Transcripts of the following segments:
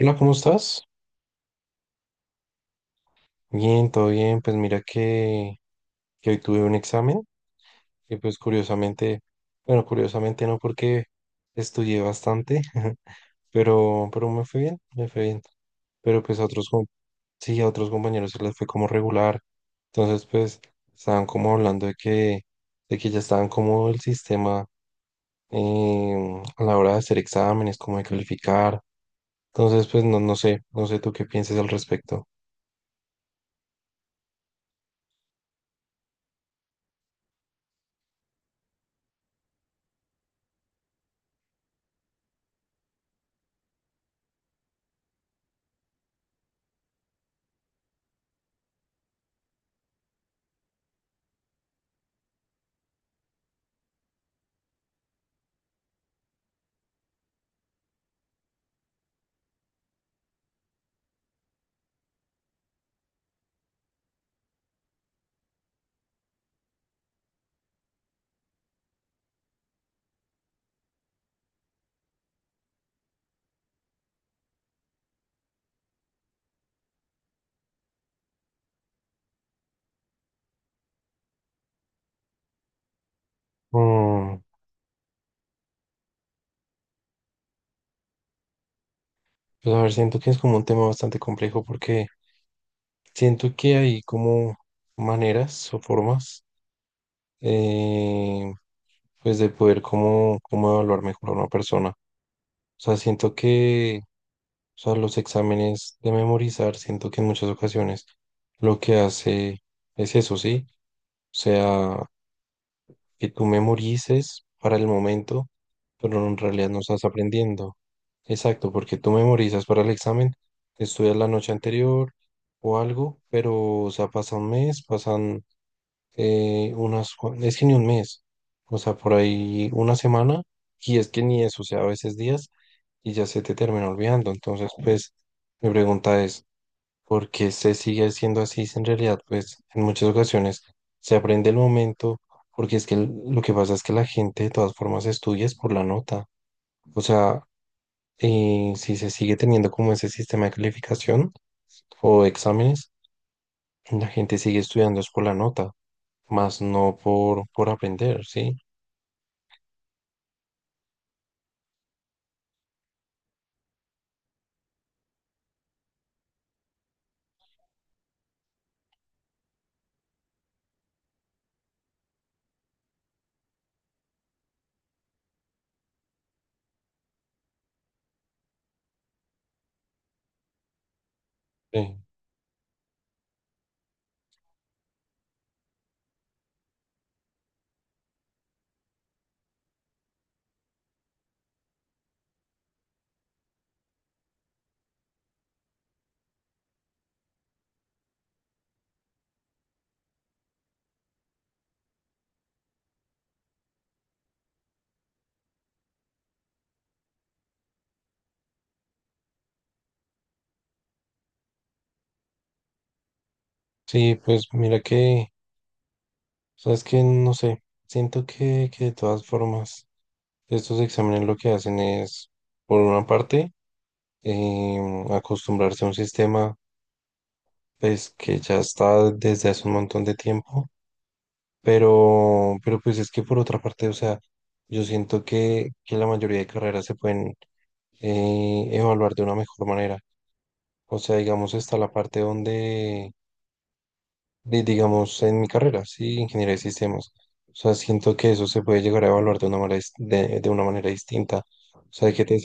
Hola, ¿cómo estás? Bien, todo bien. Pues mira que hoy tuve un examen y pues bueno, curiosamente no porque estudié bastante, pero me fue bien, me fue bien. Pero pues a otros, sí, a otros compañeros se les fue como regular. Entonces pues estaban como hablando de que ya estaban como el sistema a la hora de hacer exámenes, como de calificar. Entonces pues no, no sé tú qué piensas al respecto. Mm. Pues a ver, siento que es como un tema bastante complejo porque siento que hay como maneras o formas eh, pues de poder como evaluar mejor a una persona. O sea, siento que o sea, los exámenes de memorizar, siento que en muchas ocasiones lo que hace es eso, ¿sí? O sea, que tú memorices para el momento, pero en realidad no estás aprendiendo. Exacto, porque tú memorizas para el examen, estudias la noche anterior o algo, pero, o sea, pasa un mes, pasan unas, es que ni un mes, o sea, por ahí una semana, y es que ni eso, o sea, a veces días, y ya se te termina olvidando. Entonces, pues, mi pregunta es, porque se sigue haciendo así, si en realidad, pues en muchas ocasiones se aprende el momento, porque es que lo que pasa es que la gente de todas formas estudia es por la nota. O sea, si se sigue teniendo como ese sistema de calificación o exámenes, la gente sigue estudiando es por la nota, más no por aprender, ¿sí? Sí, sí, pues mira que, sabes que, no sé, siento que de todas formas estos exámenes lo que hacen es, por una parte, acostumbrarse a un sistema pues que ya está desde hace un montón de tiempo, pero pues es que por otra parte, o sea, yo siento que la mayoría de carreras se pueden evaluar de una mejor manera. O sea, digamos, está la parte donde, digamos, en mi carrera, sí, ingeniería de sistemas. O sea, siento que eso se puede llegar a evaluar de una manera, de una manera distinta. O sea,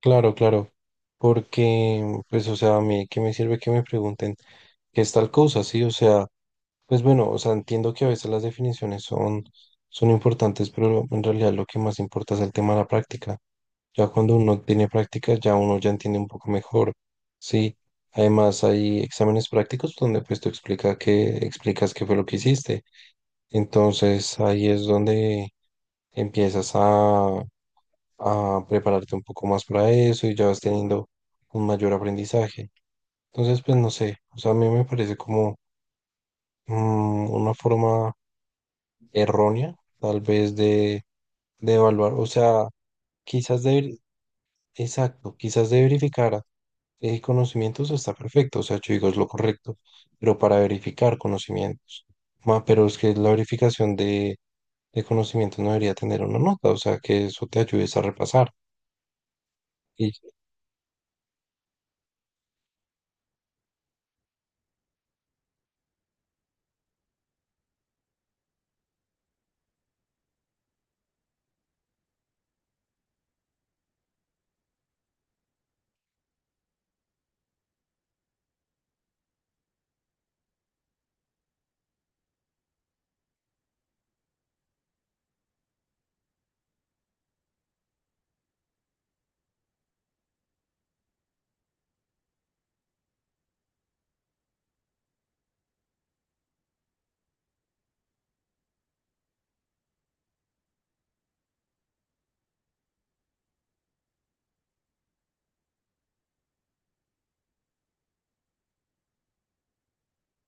claro, claro, porque, pues, o sea, a mí, ¿qué me sirve que me pregunten qué es tal cosa? Sí, o sea, pues bueno, o sea, entiendo que a veces las definiciones son importantes, pero en realidad lo que más importa es el tema de la práctica. Ya cuando uno tiene práctica, ya uno ya entiende un poco mejor, ¿sí? Además, hay exámenes prácticos donde, pues, tú explicas qué fue lo que hiciste. Entonces, ahí es donde empiezas a prepararte un poco más para eso y ya vas teniendo un mayor aprendizaje. Entonces, pues no sé, o sea, a mí me parece como una forma errónea, tal vez, de evaluar, o sea, quizás de, ver- exacto, quizás de verificar conocimientos está perfecto, o sea, yo digo es lo correcto, pero para verificar conocimientos, pero es que la verificación de conocimientos no debería tener una nota, o sea, que eso te ayudes a repasar.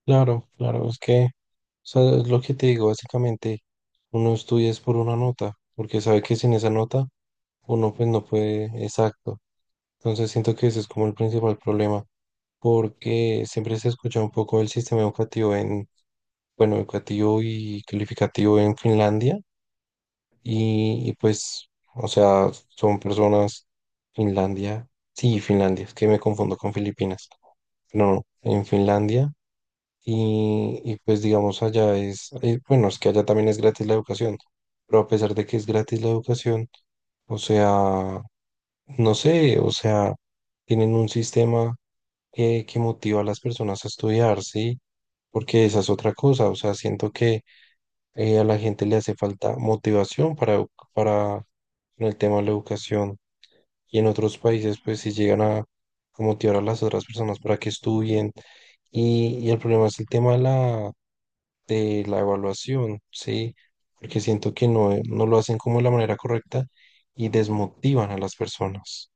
Claro, claro, es que, o sea, es lo que te digo, básicamente, uno estudia es por una nota, porque sabe que sin esa nota uno pues no puede, exacto. Entonces siento que ese es como el principal problema, porque siempre se escucha un poco el sistema educativo en, bueno, educativo y calificativo en Finlandia, y pues, o sea, son personas, Finlandia, sí, Finlandia, es que me confundo con Filipinas, no, en Finlandia. Y pues digamos allá es, bueno, es que allá también es gratis la educación, pero a pesar de que es gratis la educación, o sea, no sé, o sea, tienen un sistema que motiva a las personas a estudiar, ¿sí? Porque esa es otra cosa, o sea, siento que a la gente le hace falta motivación para en el tema de la educación y en otros países pues si llegan a motivar a las otras personas para que estudien y el problema es el tema de la evaluación, ¿sí? Porque siento que no lo hacen como de la manera correcta y desmotivan a las personas.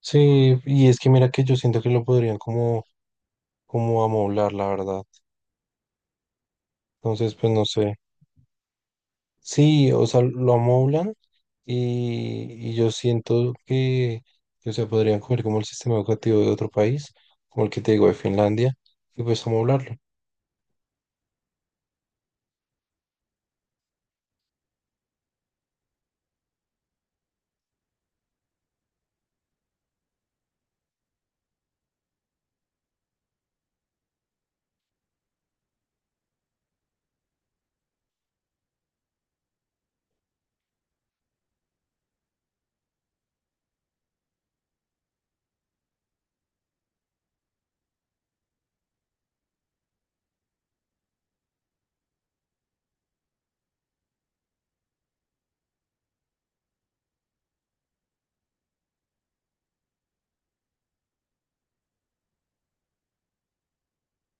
Sí, y es que mira que yo siento que lo podrían como amoblar, la verdad. Entonces, pues no sé. Sí, o sea, lo amoblan y yo siento que, o sea, podrían coger como el sistema educativo de otro país, como el que te digo de Finlandia, y pues amoblarlo.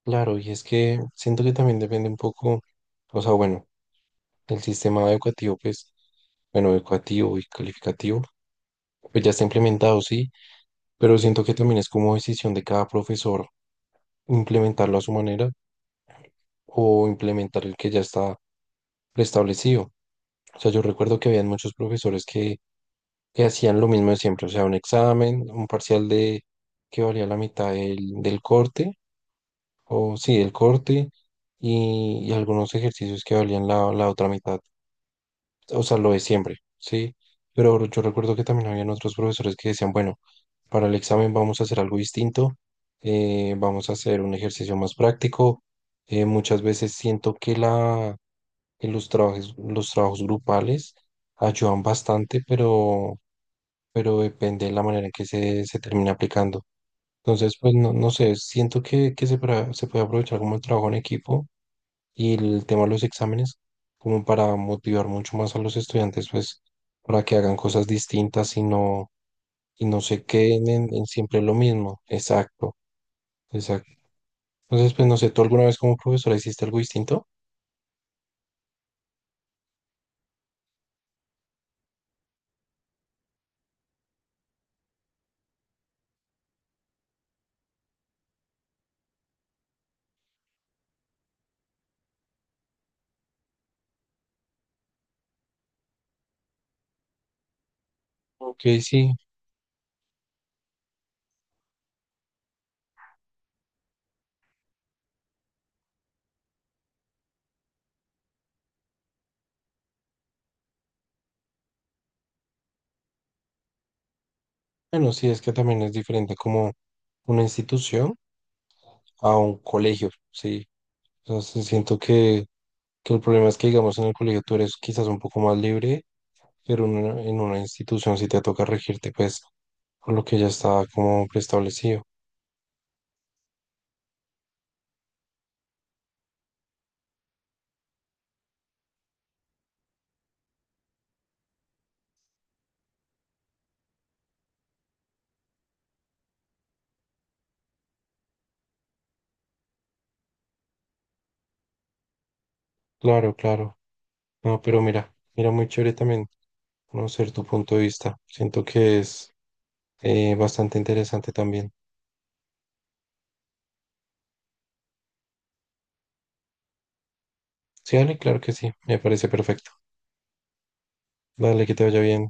Claro, y es que siento que también depende un poco, o sea, bueno. El sistema educativo, pues, bueno, educativo y calificativo, pues ya está implementado, sí, pero siento que también es como decisión de cada profesor implementarlo a su manera o implementar el que ya está preestablecido. O sea, yo recuerdo que habían muchos profesores que hacían lo mismo de siempre, o sea, un examen, un parcial de que valía la mitad del corte, o sí, del corte, y algunos ejercicios que valían la otra mitad. O sea, lo de siempre, ¿sí? Pero yo recuerdo que también habían otros profesores que decían, bueno, para el examen vamos a hacer algo distinto, vamos a hacer un ejercicio más práctico. Muchas veces siento que los trabajos grupales ayudan bastante, pero depende de la manera en que se termina aplicando. Entonces, pues no sé, siento que se puede aprovechar como el trabajo en equipo y el tema de los exámenes, como para motivar mucho más a los estudiantes, pues, para que hagan cosas distintas y no se queden en siempre lo mismo. Exacto, exacto. Entonces, pues, no sé, ¿tú alguna vez como profesora hiciste algo distinto? Ok, sí. Bueno, sí, es que también es diferente como una institución a un colegio, sí. Entonces, siento que el problema es que, digamos, en el colegio tú eres quizás un poco más libre pero en una institución sí te toca regirte, pues, por lo que ya está como preestablecido. Claro, claro. No, pero mira, mira, muy chévere también conocer tu punto de vista. Siento que es bastante interesante también. Sí, dale, claro que sí, me parece perfecto. Dale, que te vaya bien.